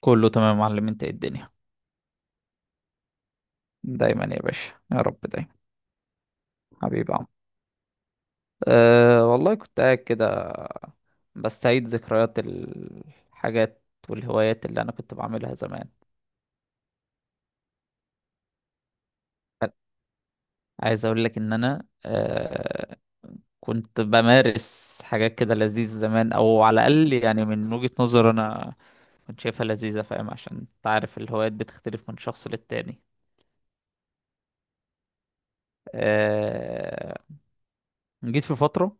كله تمام يا معلم، انت ايه الدنيا؟ دايما يا باشا، يا رب دايما. حبيبي يا عم. أه والله، كنت قاعد كده، بستعيد ذكريات الحاجات والهوايات اللي انا كنت بعملها زمان. عايز اقول لك ان انا كنت بمارس حاجات كده لذيذة زمان، او على الاقل يعني من وجهة نظر انا كنت شايفها لذيذة. فاهم؟ عشان تعرف الهوايات بتختلف من شخص للتاني. أه جيت في فترة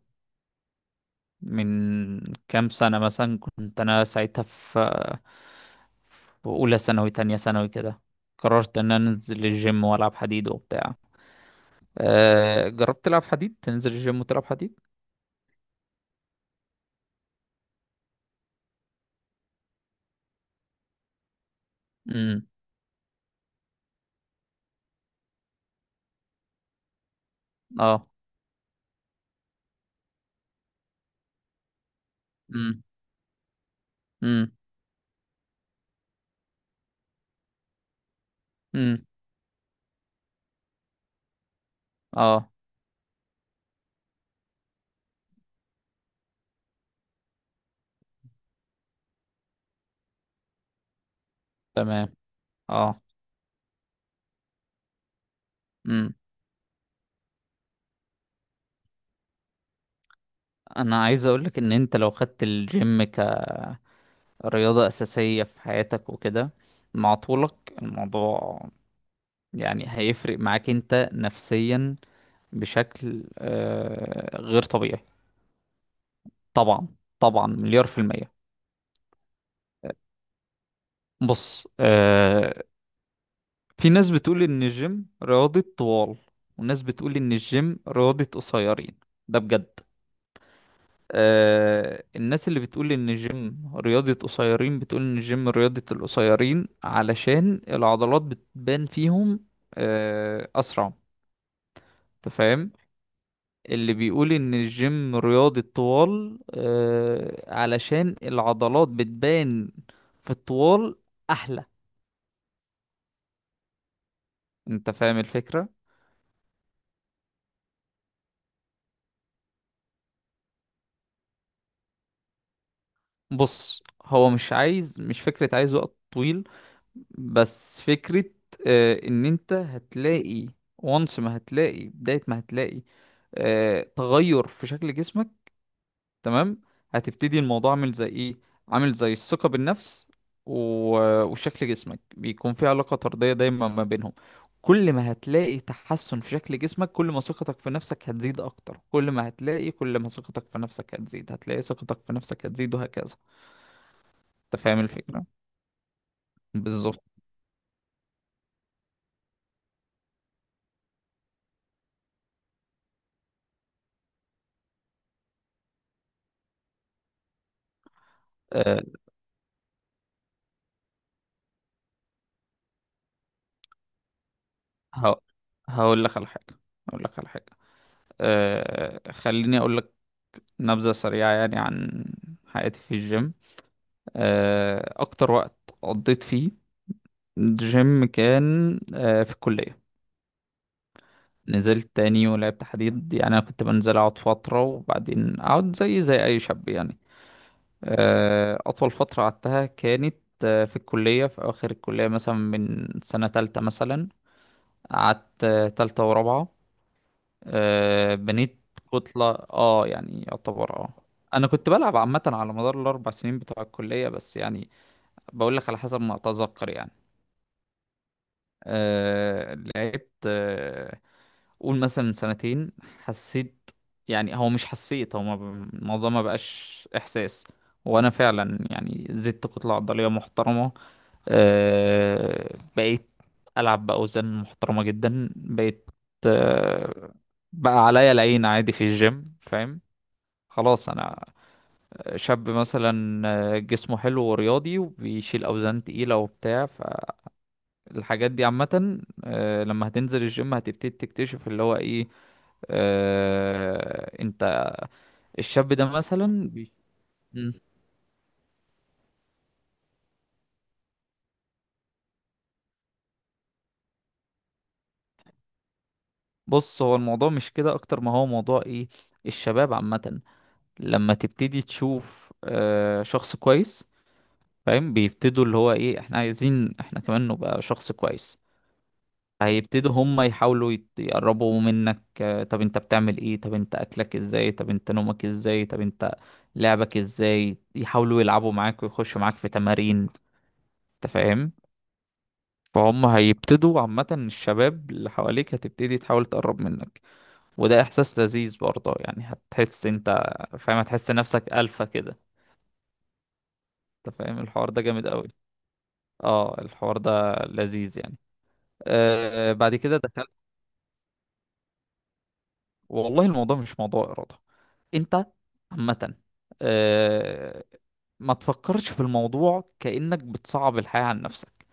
من كام سنة مثلا. كنت أنا ساعتها في أولى ثانوي تانية ثانوي كده. قررت إن أنا أنزل الجيم وألعب حديد وبتاع. جربت تلعب حديد؟ تنزل الجيم وتلعب حديد؟ امم. اه. امم. امم. امم. اه. تمام. اه. امم. أنا عايز أقولك إن أنت لو خدت الجيم كرياضة أساسية في حياتك وكده، مع طولك، الموضوع يعني هيفرق معاك انت نفسيا بشكل غير طبيعي. طبعا، طبعا. مليار في المية. بص، في ناس بتقول ان الجيم رياضة طوال، وناس بتقول ان الجيم رياضة قصيرين. ده بجد. الناس اللي بتقول ان الجيم رياضة قصيرين بتقول ان الجيم رياضة القصيرين علشان العضلات بتبان فيهم اسرع. انت فاهم؟ اللي بيقول ان الجيم رياضي الطوال علشان العضلات بتبان في الطوال احلى. انت فاهم الفكرة؟ بص، هو مش عايز، مش فكرة عايز وقت طويل، بس فكرة ان انت هتلاقي. وانس ما هتلاقي بداية، ما هتلاقي تغير في شكل جسمك. تمام؟ هتبتدي الموضوع عامل زي ايه؟ عامل زي الثقة بالنفس و... وشكل جسمك بيكون في علاقة طردية دايما ما بينهم. كل ما هتلاقي تحسن في شكل جسمك، كل ما ثقتك في نفسك هتزيد اكتر. كل ما ثقتك في نفسك هتزيد، هتلاقي ثقتك في نفسك هتزيد، وهكذا. انت فاهم الفكرة؟ بالظبط. أه ه... هقول لك على حاجة هقول لك على حاجة. خليني اقول لك نبذة سريعة يعني عن حياتي في الجيم. اكتر وقت قضيت فيه جيم كان في الكلية. نزلت تاني ولعبت حديد. يعني أنا كنت بنزل أقعد فترة وبعدين أقعد زي أي شاب يعني. أطول فترة قعدتها كانت في الكلية. في أواخر الكلية مثلا، من سنة تالتة مثلا، قعدت تالتة ورابعة. بنيت كتلة يعني يعتبر اه أنا كنت بلعب عامة على مدار الأربع سنين بتوع الكلية، بس يعني بقول لك على حسب ما أتذكر يعني. لعبت قول مثلا من سنتين حسيت. يعني هو مش حسيت، هو ما ب- الموضوع ما بقاش احساس. وانا فعلا يعني زدت كتلة عضلية محترمة. بقيت العب باوزان محترمة جدا. بقيت، أه بقى عليا العين عادي في الجيم. فاهم؟ خلاص، انا شاب مثلا جسمه حلو ورياضي وبيشيل اوزان تقيلة وبتاع. فالحاجات دي عامة، لما هتنزل الجيم هتبتدي تكتشف اللي هو ايه. انت الشاب ده مثلا مم. بص، هو الموضوع مش كده اكتر ما هو موضوع ايه. الشباب عامة لما تبتدي تشوف شخص كويس، فاهم، بيبتدوا اللي هو ايه، احنا عايزين احنا كمان نبقى شخص كويس. هيبتدوا هم يحاولوا يقربوا منك. طب انت بتعمل ايه؟ طب انت اكلك ازاي؟ طب انت نومك ازاي؟ طب انت لعبك ازاي؟ يحاولوا يلعبوا معاك ويخشوا معاك في تمارين. انت فاهم؟ فهم هيبتدوا عامة، الشباب اللي حواليك هتبتدي تحاول تقرب منك. وده إحساس لذيذ برضه يعني. هتحس أنت، فاهم، هتحس نفسك ألفا كده. أنت فاهم، الحوار ده جامد أوي. اه الحوار ده لذيذ يعني. بعد كده دخلت. والله الموضوع مش موضوع إرادة. أنت عامة، آه ما تفكرش في الموضوع كأنك بتصعب الحياة عن نفسك.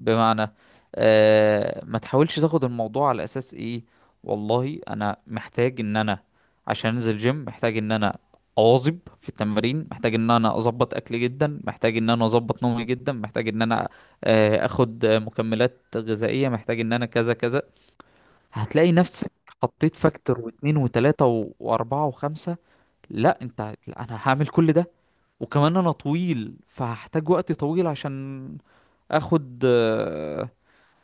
بمعنى، ما تحاولش تاخد الموضوع على اساس ايه. والله انا محتاج ان انا، عشان انزل جيم محتاج ان انا اواظب في التمارين، محتاج ان انا اظبط اكلي جدا، محتاج ان انا اظبط نومي جدا، محتاج ان انا اخد مكملات غذائية، محتاج ان انا كذا كذا. هتلاقي نفسك حطيت فاكتور واتنين وتلاتة واربعة وخمسة. لا انت، لا انا هعمل كل ده وكمان انا طويل، فهحتاج وقت طويل عشان اخد آه،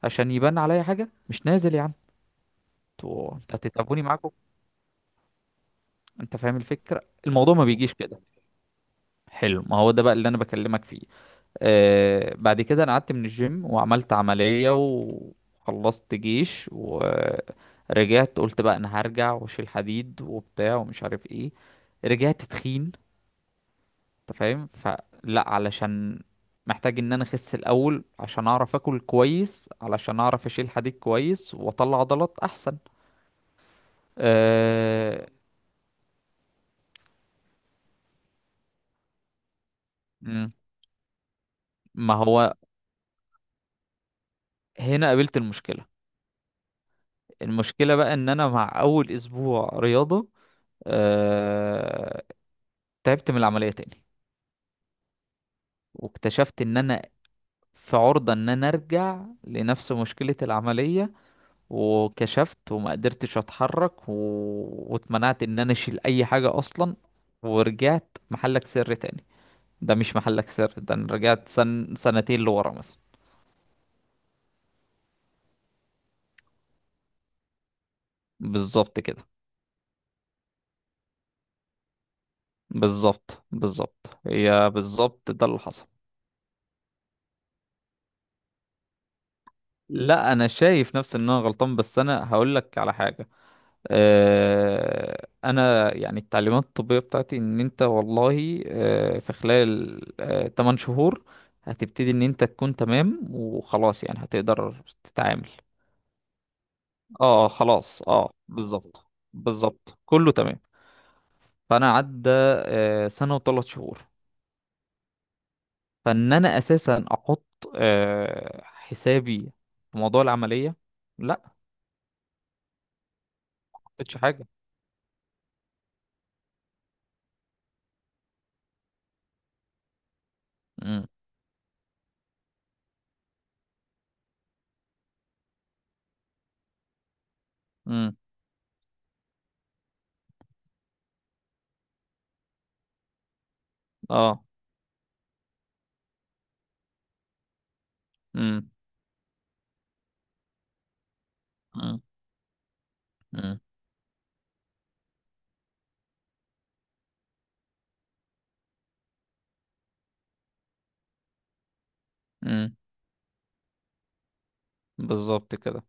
عشان يبان عليا حاجة. مش نازل يا عم، انت هتتعبوني معاكم. انت فاهم الفكرة؟ الموضوع ما بيجيش كده. حلو، ما هو ده بقى اللي انا بكلمك فيه. بعد كده انا قعدت من الجيم وعملت عملية وخلصت جيش ورجعت، قلت بقى انا هرجع واشيل حديد وبتاع ومش عارف ايه. رجعت تخين. انت فاهم؟ فلا، علشان محتاج ان انا اخس الاول عشان اعرف اكل كويس، علشان اعرف اشيل حديد كويس واطلع عضلات احسن. آه، مم. ما هو هنا قابلت المشكلة. المشكلة بقى ان انا مع اول اسبوع رياضة آه... تعبت من العملية تاني. واكتشفت ان انا في عرضة ان انا ارجع لنفس مشكلة العملية. وكشفت وما قدرتش اتحرك و... واتمنعت ان انا اشيل اي حاجة اصلا. ورجعت محلك سر تاني. ده مش محلك سر، ده انا رجعت سنتين لورا مثلا. بالظبط كده. بالظبط، بالظبط، هي بالظبط ده اللي حصل. لا، انا شايف نفسي ان انا غلطان، بس انا هقول لك على حاجه. انا يعني التعليمات الطبيه بتاعتي ان انت والله في خلال 8 شهور هتبتدي ان انت تكون تمام وخلاص، يعني هتقدر تتعامل. اه خلاص، اه بالظبط. بالظبط كله تمام. فانا عدى سنه و3 شهور. فان انا اساسا احط حسابي في موضوع العمليه. لا، ما حطيتش حاجه. امم. امم. اه. امم. امم. امم. امم. بالظبط كده.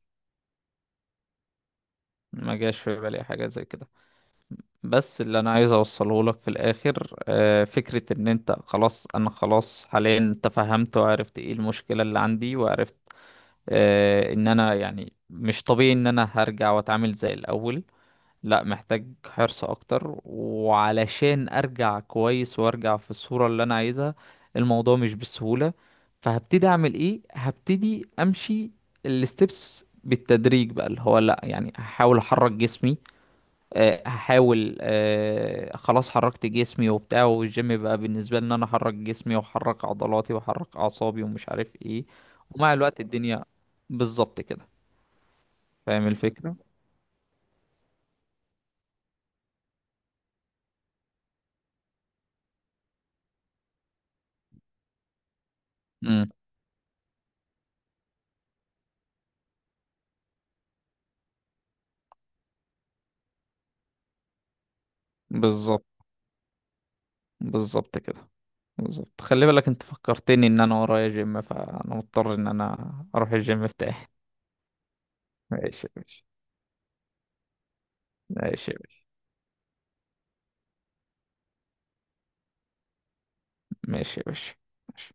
ما جاش في بالي حاجة زي كده. بس اللي انا عايز اوصله لك في الاخر فكرة ان انت خلاص انا خلاص حاليا تفهمت وعرفت ايه المشكلة اللي عندي، وعرفت ان انا يعني مش طبيعي ان انا هرجع واتعامل زي الاول. لا، محتاج حرص اكتر وعلشان ارجع كويس وارجع في الصورة اللي انا عايزها. الموضوع مش بالسهولة. فهبتدي اعمل ايه؟ هبتدي امشي الستبس بالتدريج بقى، اللي هو لا، يعني هحاول احرك جسمي آه، هحاول آه، خلاص حركت جسمي وبتاع. والجيم بقى بالنسبة لي ان انا احرك جسمي واحرك عضلاتي واحرك اعصابي ومش عارف ايه. ومع الوقت الدنيا. بالظبط كده. فاهم الفكرة. امم. بالظبط، بالظبط كده. بالظبط، خلي بالك، انت فكرتني ان انا ورايا جيم، فانا مضطر ان انا اروح الجيم بتاعي. ماشي يا باشا. ماشي يا باشا. ماشي يا باشا. ماشي.